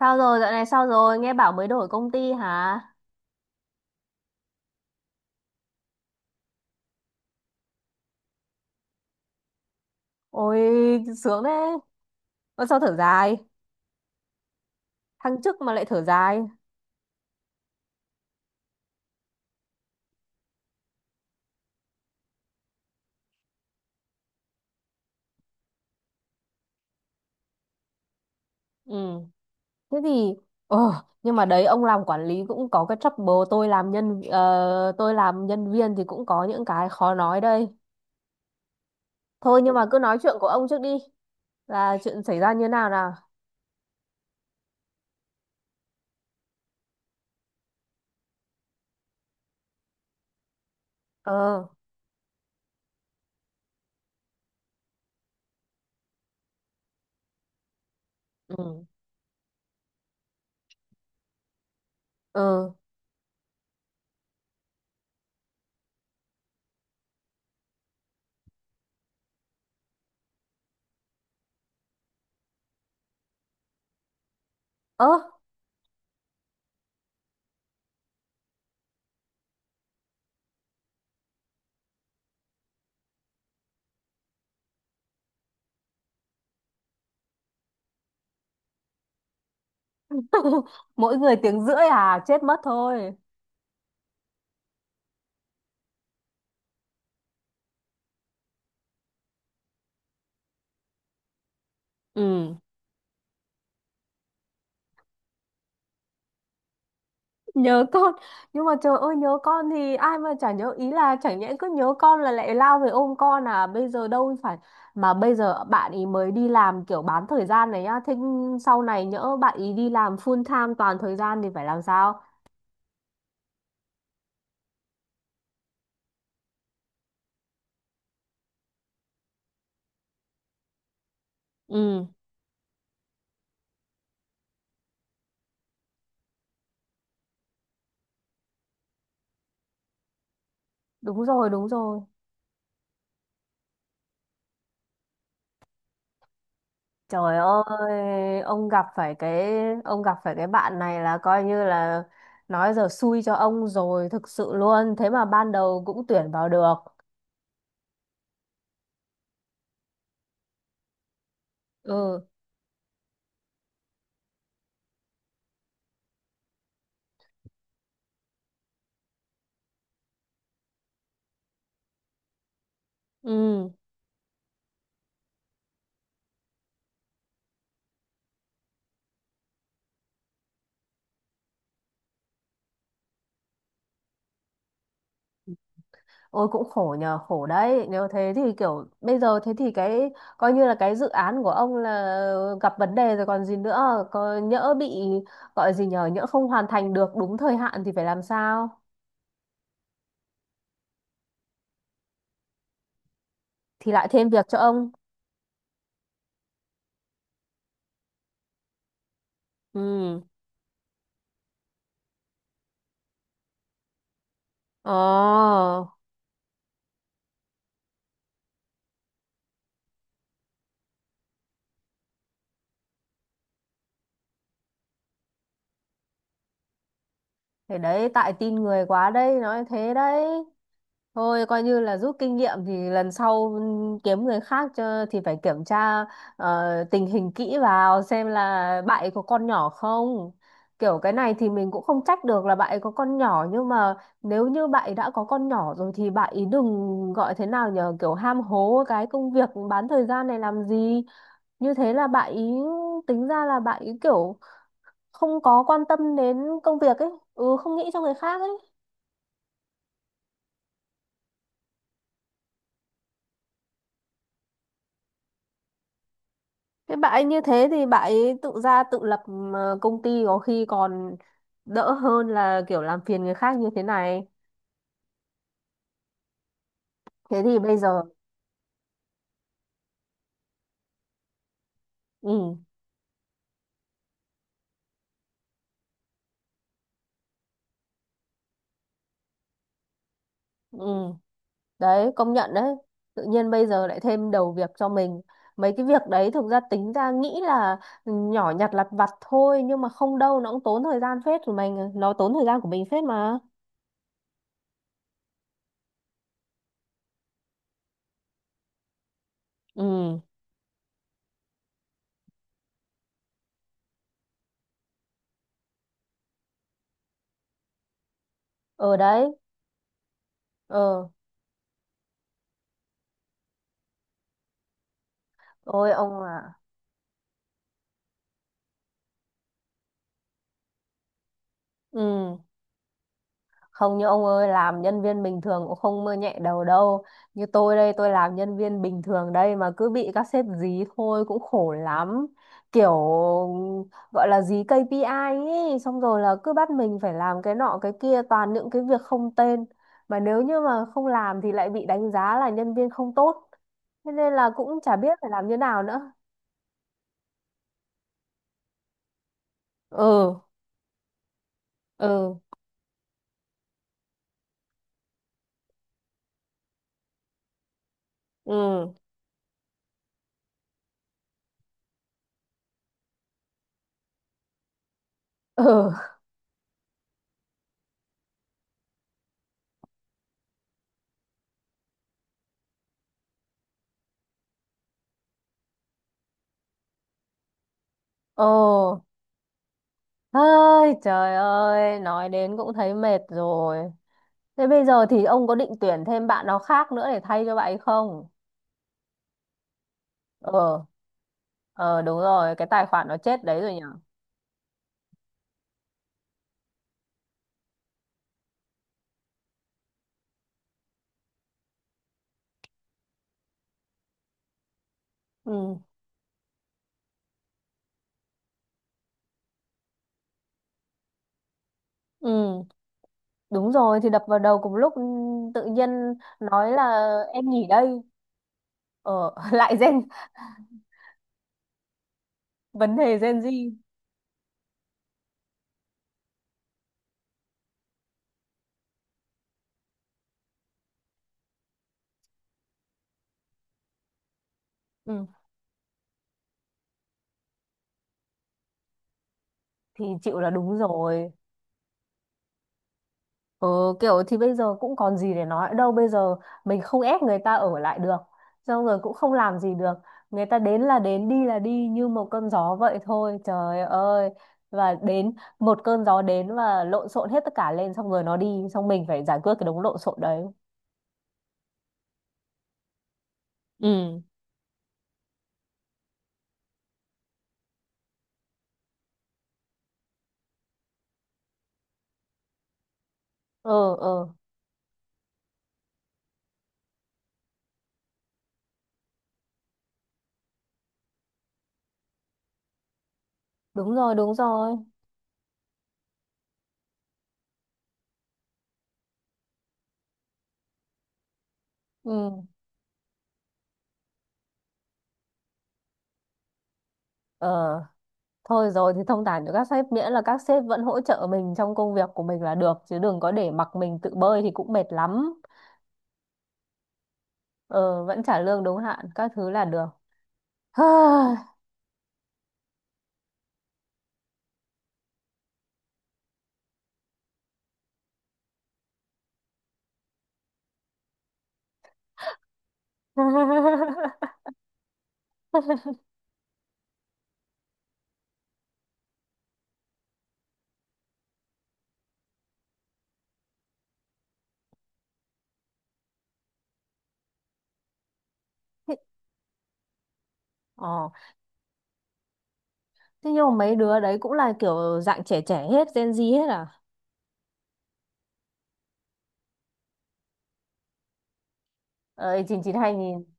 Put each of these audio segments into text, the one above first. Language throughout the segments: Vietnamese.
Sao rồi, dạo này sao rồi? Nghe bảo mới đổi công ty hả? Ôi, sướng đấy. Ôi, sao thở dài? Thăng chức mà lại thở dài. Ừ, thế thì... Ờ, nhưng mà đấy, ông làm quản lý cũng có cái trouble. Tôi làm nhân... tôi làm nhân viên thì cũng có những cái khó nói đây. Thôi, nhưng mà cứ nói chuyện của ông trước đi. Là chuyện xảy ra như nào nào? Ờ. Ừ, ừ. Ơ. Mỗi người tiếng rưỡi à? Chết mất thôi. Ừ. Nhớ con, nhưng mà trời ơi, nhớ con thì ai mà chả nhớ, ý là chẳng nhẽ cứ nhớ con là lại lao về ôm con à, bây giờ đâu phải. Mà bây giờ bạn ý mới đi làm kiểu bán thời gian này nhá, thế sau này nhỡ bạn ý đi làm full time toàn thời gian thì phải làm sao? Ừ, đúng rồi đúng rồi. Trời ơi, ông gặp phải cái, ông gặp phải cái bạn này là coi như là nói giờ xui cho ông rồi, thực sự luôn, thế mà ban đầu cũng tuyển vào được. Ừ. Ừ. Ôi cũng khổ nhờ, khổ đấy. Nếu thế thì kiểu bây giờ thế thì cái coi như là cái dự án của ông là gặp vấn đề rồi còn gì nữa, có nhỡ bị gọi gì nhờ, nhỡ không hoàn thành được đúng thời hạn thì phải làm sao? Thì lại thêm việc cho ông. Ừ. Ờ. Thế đấy, tại tin người quá đây, nói thế đấy. Thôi coi như là rút kinh nghiệm thì lần sau kiếm người khác cho thì phải kiểm tra tình hình kỹ vào xem là bạn ấy có con nhỏ không. Kiểu cái này thì mình cũng không trách được là bạn ấy có con nhỏ, nhưng mà nếu như bạn ấy đã có con nhỏ rồi thì bạn ấy đừng gọi thế nào nhờ kiểu ham hố cái công việc bán thời gian này làm gì. Như thế là bạn ấy tính ra là bạn ấy kiểu không có quan tâm đến công việc ấy. Ừ, không nghĩ cho người khác ấy. Thế bà ấy như thế thì bà ấy tự ra tự lập, ờ, công ty có khi còn đỡ hơn là kiểu làm phiền người khác như thế này. Thế thì bây giờ ừ. Ừ, đấy công nhận đấy. Tự nhiên bây giờ lại thêm đầu việc cho mình, mấy cái việc đấy thực ra tính ra nghĩ là nhỏ nhặt lặt vặt thôi, nhưng mà không đâu, nó cũng tốn thời gian phết của mình, nó tốn thời gian của mình phết mà. Ừ. Ở đấy. Ờ. Ôi ông à. Ừ. Không như ông ơi, làm nhân viên bình thường cũng không mơ nhẹ đầu đâu. Như tôi đây, tôi làm nhân viên bình thường đây mà cứ bị các sếp dí thôi cũng khổ lắm. Kiểu gọi là dí KPI ấy, xong rồi là cứ bắt mình phải làm cái nọ cái kia, toàn những cái việc không tên. Mà nếu như mà không làm thì lại bị đánh giá là nhân viên không tốt. Thế nên là cũng chả biết phải làm như nào nữa. Ừ. Ừ, ừ, ừ. Ồ. Ơi trời ơi, nói đến cũng thấy mệt rồi. Thế bây giờ thì ông có định tuyển thêm bạn nào khác nữa để thay cho bạn ấy không? Ờ, ờ đúng rồi, cái tài khoản nó chết đấy rồi nhỉ? Ừ. Ừ, đúng rồi thì đập vào đầu cùng lúc, ừ, tự nhiên nói là em nghỉ đây. Ờ, lại gen vấn đề Gen Z. Ừ, thì chịu là đúng rồi. Ờ, kiểu thì bây giờ cũng còn gì để nói đâu, bây giờ mình không ép người ta ở lại được, xong rồi cũng không làm gì được, người ta đến là đến đi là đi như một cơn gió vậy thôi, trời ơi. Và đến một cơn gió đến và lộn xộn hết tất cả lên, xong rồi nó đi xong mình phải giải quyết cái đống lộn xộn đấy. Ừ. Ờ ờ. Đúng rồi đúng rồi. Ừ. Ờ, thôi rồi thì thông cảm cho các sếp miễn là các sếp vẫn hỗ trợ mình trong công việc của mình là được, chứ đừng có để mặc mình tự bơi thì cũng mệt lắm. Ờ, vẫn trả lương đúng hạn các thứ là được. Ờ, thế nhưng mà mấy đứa đấy cũng là kiểu dạng trẻ trẻ hết, Gen Z hết à? Ờ, 99 2000.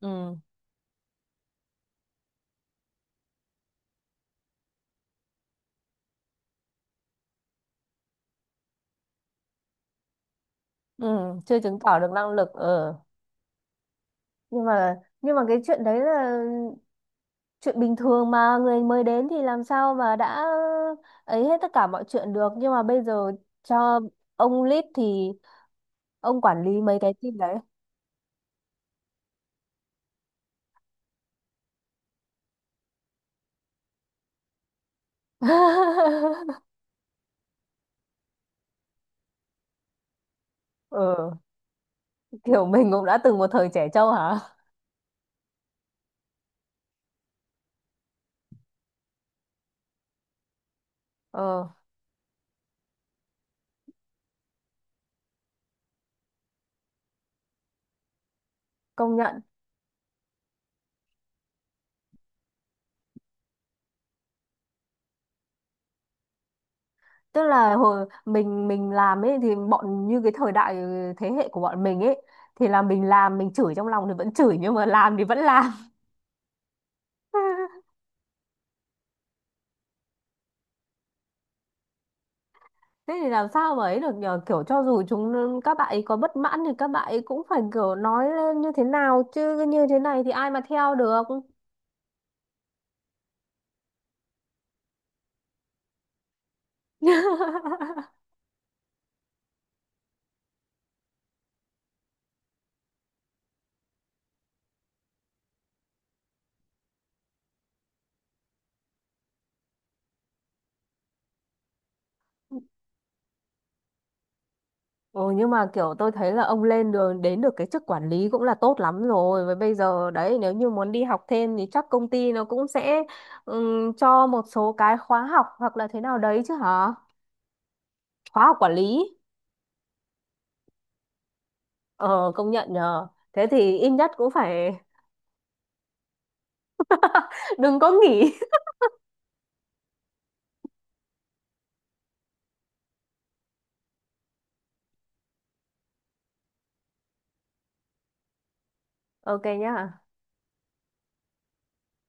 Ừ, ừ, chưa chứng tỏ được năng lực. Ờ. Nhưng mà nhưng mà cái chuyện đấy là chuyện bình thường mà, người mới đến thì làm sao mà đã ấy hết tất cả mọi chuyện được. Nhưng mà bây giờ cho ông lead thì ông quản lý mấy cái team đấy. Ừ. Kiểu mình cũng đã từng một thời trẻ trâu hả. Ờ, công nhận. Tức là hồi mình làm ấy thì bọn như cái thời đại thế hệ của bọn mình ấy thì là mình làm, mình chửi trong lòng thì vẫn chửi nhưng mà làm thì vẫn làm. Thế thì làm sao mà ấy được nhờ, kiểu cho dù chúng các bạn ấy có bất mãn thì các bạn ấy cũng phải kiểu nói lên như thế nào, chứ như thế này thì ai mà theo được. Ừ, nhưng mà kiểu tôi thấy là ông lên đường đến được cái chức quản lý cũng là tốt lắm rồi. Với bây giờ đấy nếu như muốn đi học thêm thì chắc công ty nó cũng sẽ cho một số cái khóa học hoặc là thế nào đấy chứ hả? Khóa học quản lý. Ờ công nhận nhờ. Thế thì ít nhất cũng phải đừng có nghỉ. Ok nhá.